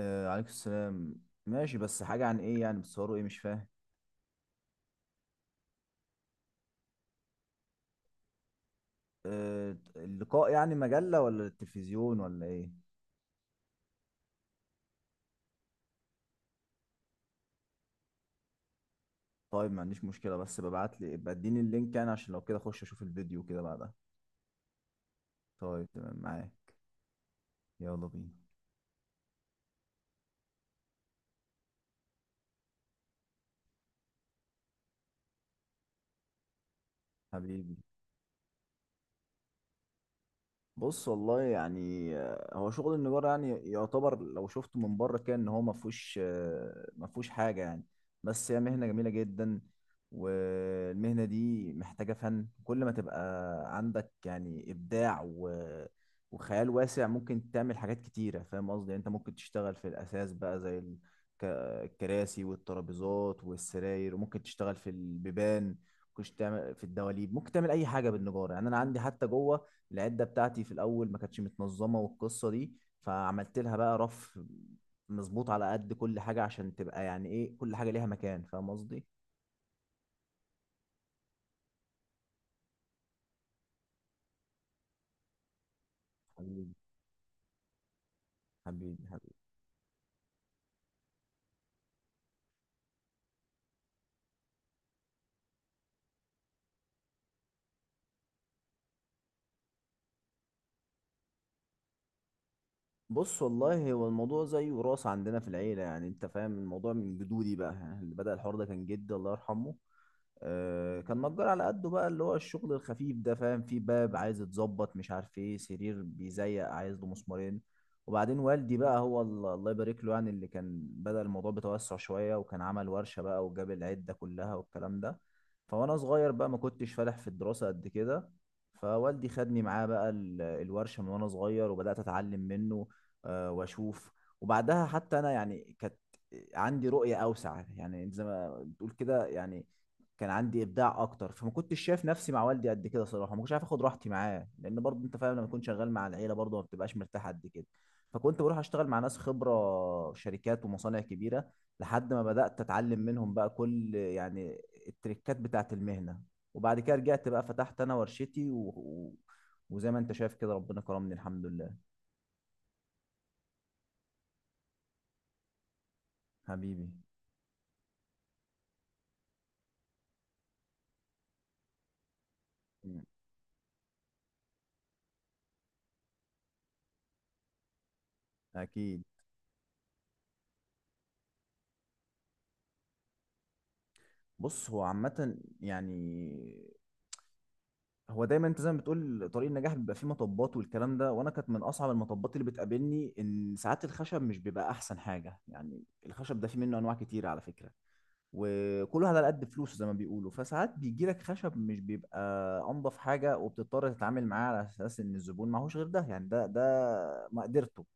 آه، عليكم السلام. ماشي، بس حاجة عن ايه يعني؟ بتصوروا ايه؟ مش فاهم. آه، اللقاء يعني مجلة ولا التلفزيون ولا ايه؟ طيب، ما عنديش مشكلة، بس ببعت لي ابقى اديني اللينك يعني، عشان لو كده اخش اشوف الفيديو كده بعدها. طيب، تمام معاك. يلا بينا. حبيبي. بص، والله يعني هو شغل النجار يعني يعتبر لو شفته من بره كان ان هو ما فيهوش حاجه يعني. بس هي مهنه جميله جدا. والمهنه دي محتاجه فن، كل ما تبقى عندك يعني ابداع و... وخيال واسع ممكن تعمل حاجات كتيره، فاهم قصدي يعني. انت ممكن تشتغل في الاساس بقى زي ك- الكراسي والترابيزات والسراير، وممكن تشتغل في البيبان، ممكن تعمل في الدواليب، ممكن تعمل اي حاجه بالنجاره يعني. انا عندي حتى جوه العده بتاعتي في الاول ما كانتش متنظمه، والقصه دي فعملت لها بقى رف مظبوط على قد كل حاجه، عشان تبقى يعني ايه كل حاجه ليها مكان، فاهم قصدي. حبيبي. حبيبي. حبيبي. بص، والله هو الموضوع زي وراثه عندنا في العيله، يعني انت فاهم الموضوع من جدودي بقى، يعني اللي بدأ الحوار ده كان جدي الله يرحمه. كان نجار على قده بقى، اللي هو الشغل الخفيف ده فاهم، في باب عايز يتظبط، مش عارف ايه سرير بيزيق عايز له مسمارين. وبعدين والدي بقى هو الله يبارك له، يعني اللي كان بدأ الموضوع بتوسع شوية، وكان عمل ورشة بقى وجاب العدة كلها والكلام ده. فوانا صغير بقى ما كنتش فالح في الدراسة قد كده، فوالدي خدني معاه بقى الورشة من وانا صغير، وبدأت اتعلم منه. واشوف. وبعدها حتى انا يعني كانت عندي رؤية اوسع، يعني زي ما بتقول كده، يعني كان عندي ابداع اكتر، فما كنتش شايف نفسي مع والدي قد كده صراحه، ما كنتش عارف اخد راحتي معاه، لان برضه انت فاهم لما تكون شغال مع العيله برضه ما بتبقاش مرتاح قد كده. فكنت بروح اشتغل مع ناس خبره، شركات ومصانع كبيره، لحد ما بدات اتعلم منهم بقى كل يعني التريكات بتاعه المهنه. وبعد كده رجعت بقى، فتحت انا ورشتي وزي ما انت شايف كده ربنا كرمني الحمد لله. حبيبي. مم. اكيد. بص، هو عامه يعني هو دايما انت زي ما بتقول طريق النجاح بيبقى فيه مطبات والكلام ده. وانا كانت من اصعب المطبات اللي بتقابلني ان ساعات الخشب مش بيبقى احسن حاجه يعني. الخشب ده فيه منه انواع كتير على فكره، وكل واحد على قد فلوسه زي ما بيقولوا. فساعات بيجي لك خشب مش بيبقى انضف حاجه، وبتضطر تتعامل معاه على اساس ان الزبون معهوش غير ده، يعني ده مقدرته.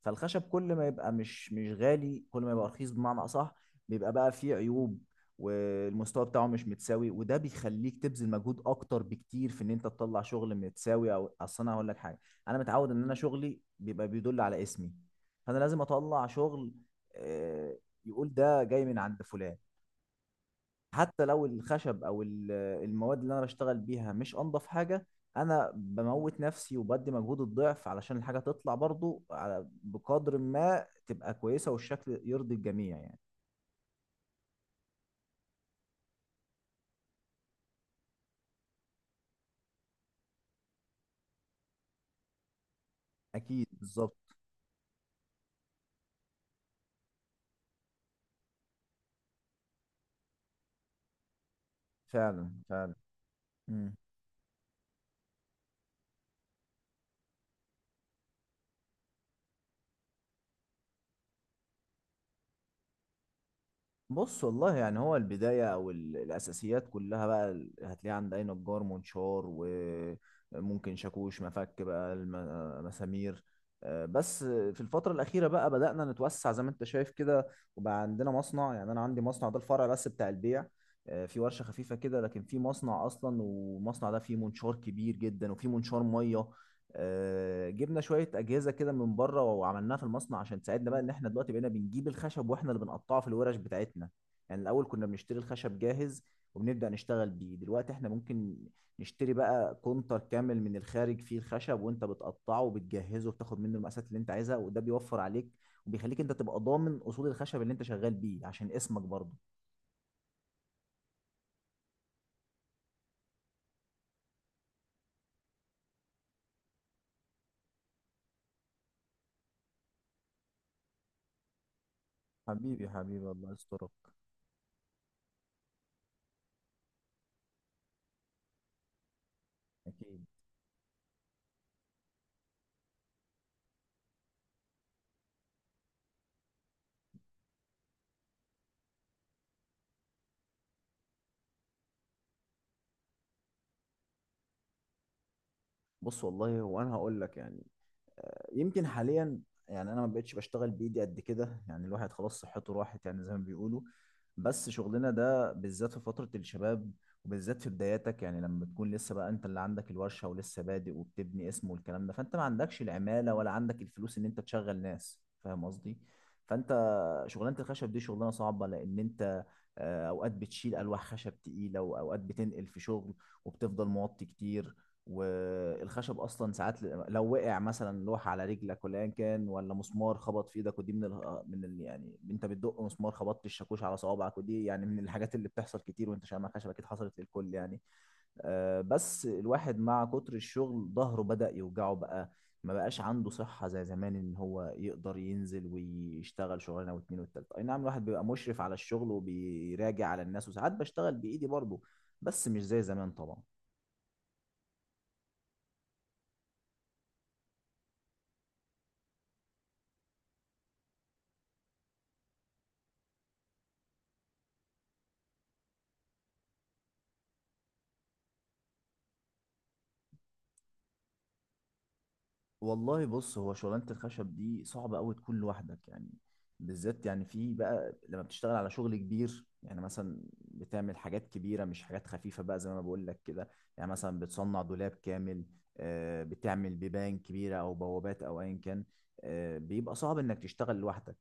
فالخشب كل ما يبقى مش غالي، كل ما يبقى رخيص بمعنى اصح، بيبقى بقى فيه عيوب، والمستوى بتاعه مش متساوي. وده بيخليك تبذل مجهود اكتر بكتير في ان انت تطلع شغل متساوي. او اصل انا هقول لك حاجه، انا متعود ان انا شغلي بيبقى بيدل على اسمي. فانا لازم اطلع شغل آه، يقول ده جاي من عند فلان، حتى لو الخشب او المواد اللي انا بشتغل بيها مش انضف حاجه. انا بموت نفسي وبدي مجهود الضعف علشان الحاجه تطلع برضو، على بقدر ما تبقى كويسه والشكل يرضي الجميع يعني. اكيد. بالظبط. فعلا، فعلا. مم. بص، والله يعني هو البداية أو الأساسيات كلها بقى هتلاقيها عند أي نجار منشار، وممكن شاكوش، مفك بقى، مسامير. بس في الفترة الأخيرة بقى بدأنا نتوسع زي ما أنت شايف كده، وبقى عندنا مصنع. يعني أنا عندي مصنع، ده الفرع بس بتاع البيع. في ورشة خفيفة كده، لكن في مصنع أصلا. والمصنع ده فيه منشار كبير جدا وفيه منشار مية. جبنا شويه اجهزه كده من بره وعملناها في المصنع عشان تساعدنا بقى، ان احنا دلوقتي بقينا بنجيب الخشب واحنا اللي بنقطعه في الورش بتاعتنا. يعني الاول كنا بنشتري الخشب جاهز وبنبدا نشتغل بيه. دلوقتي احنا ممكن نشتري بقى كونتر كامل من الخارج فيه الخشب، وانت بتقطعه وبتجهزه وبتاخد منه المقاسات اللي انت عايزها، وده بيوفر عليك وبيخليك انت تبقى ضامن اصول الخشب اللي انت شغال بيه، عشان اسمك برضه. حبيبي. حبيبي، الله يسترك. اكيد. بص، والله هو، انا هقول لك يعني، يمكن حاليا يعني انا ما بقتش بشتغل بايدي قد كده. يعني الواحد خلاص صحته راحت، يعني زي ما بيقولوا. بس شغلنا ده بالذات في فترة الشباب، وبالذات في بداياتك، يعني لما بتكون لسه بقى انت اللي عندك الورشة ولسه بادئ وبتبني اسم والكلام ده، فانت ما عندكش العمالة ولا عندك الفلوس ان انت تشغل ناس، فاهم قصدي. فانت شغلانة الخشب دي شغلانة صعبة، لان انت اوقات بتشيل الواح خشب تقيله، واوقات بتنقل في شغل، وبتفضل موطي كتير. والخشب اصلا ساعات لو وقع مثلا لوحه على رجلك ولا ايا كان، ولا مسمار خبط في ايدك، ودي من ال... آه، من ال... يعني انت بتدق مسمار خبطت الشاكوش على صوابعك، ودي يعني من الحاجات اللي بتحصل كتير وانت شامع خشب، اكيد حصلت للكل يعني. بس الواحد مع كتر الشغل ظهره بدأ يوجعه بقى، ما بقاش عنده صحة زي زمان ان هو يقدر ينزل ويشتغل شغلانة واتنين والتالتة. اي نعم الواحد بيبقى مشرف على الشغل وبيراجع على الناس، وساعات بشتغل بإيدي برضه، بس مش زي زمان طبعا. والله، بص هو شغلانة الخشب دي صعبة قوي تكون لوحدك يعني، بالذات يعني في بقى لما بتشتغل على شغل كبير. يعني مثلا بتعمل حاجات كبيرة، مش حاجات خفيفة بقى زي ما بقول لك كده، يعني مثلا بتصنع دولاب كامل، بتعمل بيبان كبيرة أو بوابات أو أيا كان. بيبقى صعب إنك تشتغل لوحدك.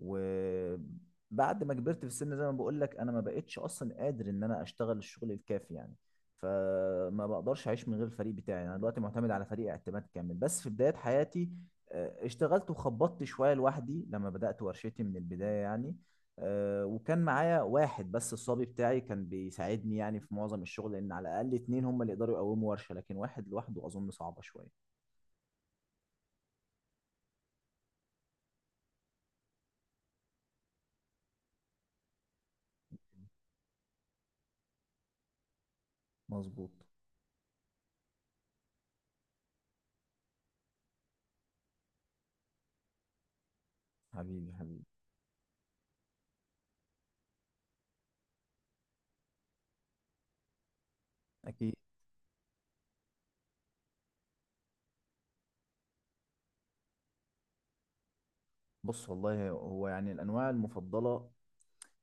وبعد ما كبرت في السن، زي ما بقول لك، أنا ما بقتش أصلا قادر إن أنا أشتغل الشغل الكافي يعني، فما بقدرش اعيش من غير الفريق بتاعي. انا دلوقتي معتمد على فريق اعتماد كامل، بس في بداية حياتي اشتغلت وخبطت شوية لوحدي لما بدأت ورشتي من البداية يعني. وكان معايا واحد بس الصبي بتاعي، كان بيساعدني يعني في معظم الشغل، لان على الاقل اتنين هم اللي يقدروا يقوموا ورشة، لكن واحد لوحده اظن صعبة شوية. مظبوط. حبيبي. حبيبي. اكيد. بص، والله هو يعني الانواع المفضلة،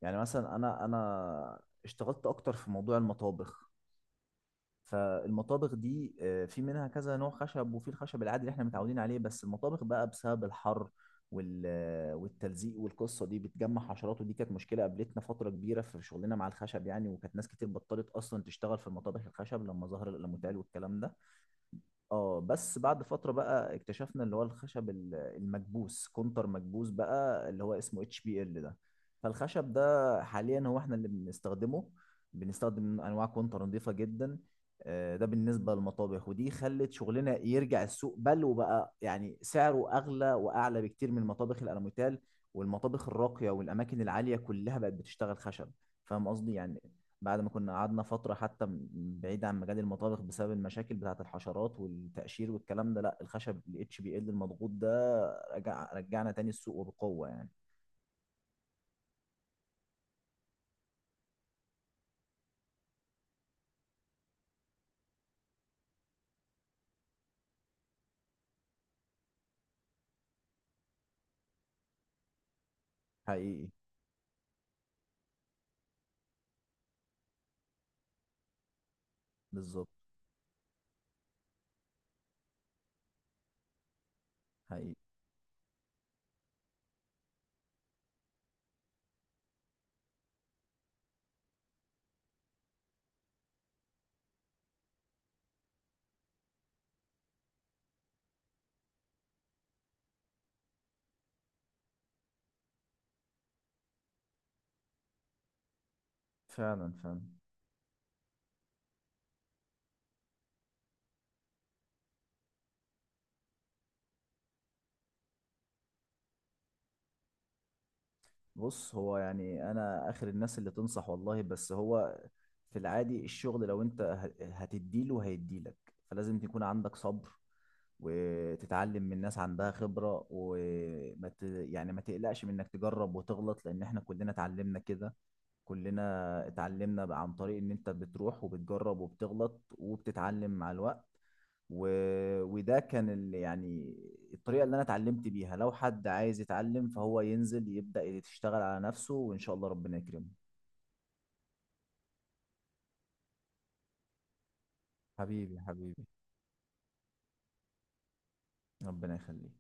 يعني مثلا انا اشتغلت اكتر في موضوع المطابخ. فالمطابخ دي في منها كذا نوع خشب، وفي الخشب العادي اللي احنا متعودين عليه. بس المطابخ بقى بسبب الحر والتلزيق والقصه دي بتجمع حشرات، ودي كانت مشكله قابلتنا فتره كبيره في شغلنا مع الخشب يعني. وكانت ناس كتير بطلت اصلا تشتغل في المطابخ الخشب لما ظهر الالموتال والكلام ده. اه، بس بعد فترة بقى اكتشفنا اللي هو الخشب المكبوس، كونتر مكبوس بقى، اللي هو اسمه اتش بي ال ده. فالخشب ده حاليا هو احنا اللي بنستخدمه، بنستخدم انواع كونتر نظيفة جدا. ده بالنسبة للمطابخ. ودي خلت شغلنا يرجع السوق، بل وبقى يعني سعره اغلى واعلى بكتير من مطابخ الالوميتال. والمطابخ الراقية والاماكن العالية كلها بقت بتشتغل خشب، فاهم قصدي يعني. بعد ما كنا قعدنا فترة حتى بعيد عن مجال المطابخ بسبب المشاكل بتاعة الحشرات والتقشير والكلام ده. لا، الخشب ال HBL المضغوط ده رجعنا تاني السوق، وبقوة يعني. حقيقي. بالظبط. حقيقي. فعلا، فعلا. بص، هو يعني انا اخر الناس اللي تنصح والله، بس هو في العادي الشغل لو انت هتديله هيديلك، فلازم تكون عندك صبر، وتتعلم من ناس عندها خبرة، يعني ما تقلقش من انك تجرب وتغلط، لان احنا كلنا اتعلمنا كده. كلنا اتعلمنا بقى عن طريق ان انت بتروح وبتجرب وبتغلط وبتتعلم مع الوقت، و... وده كان يعني الطريقة اللي انا اتعلمت بيها. لو حد عايز يتعلم، فهو ينزل يبدأ يشتغل على نفسه وان شاء الله ربنا يكرمه. حبيبي. حبيبي. ربنا يخليك.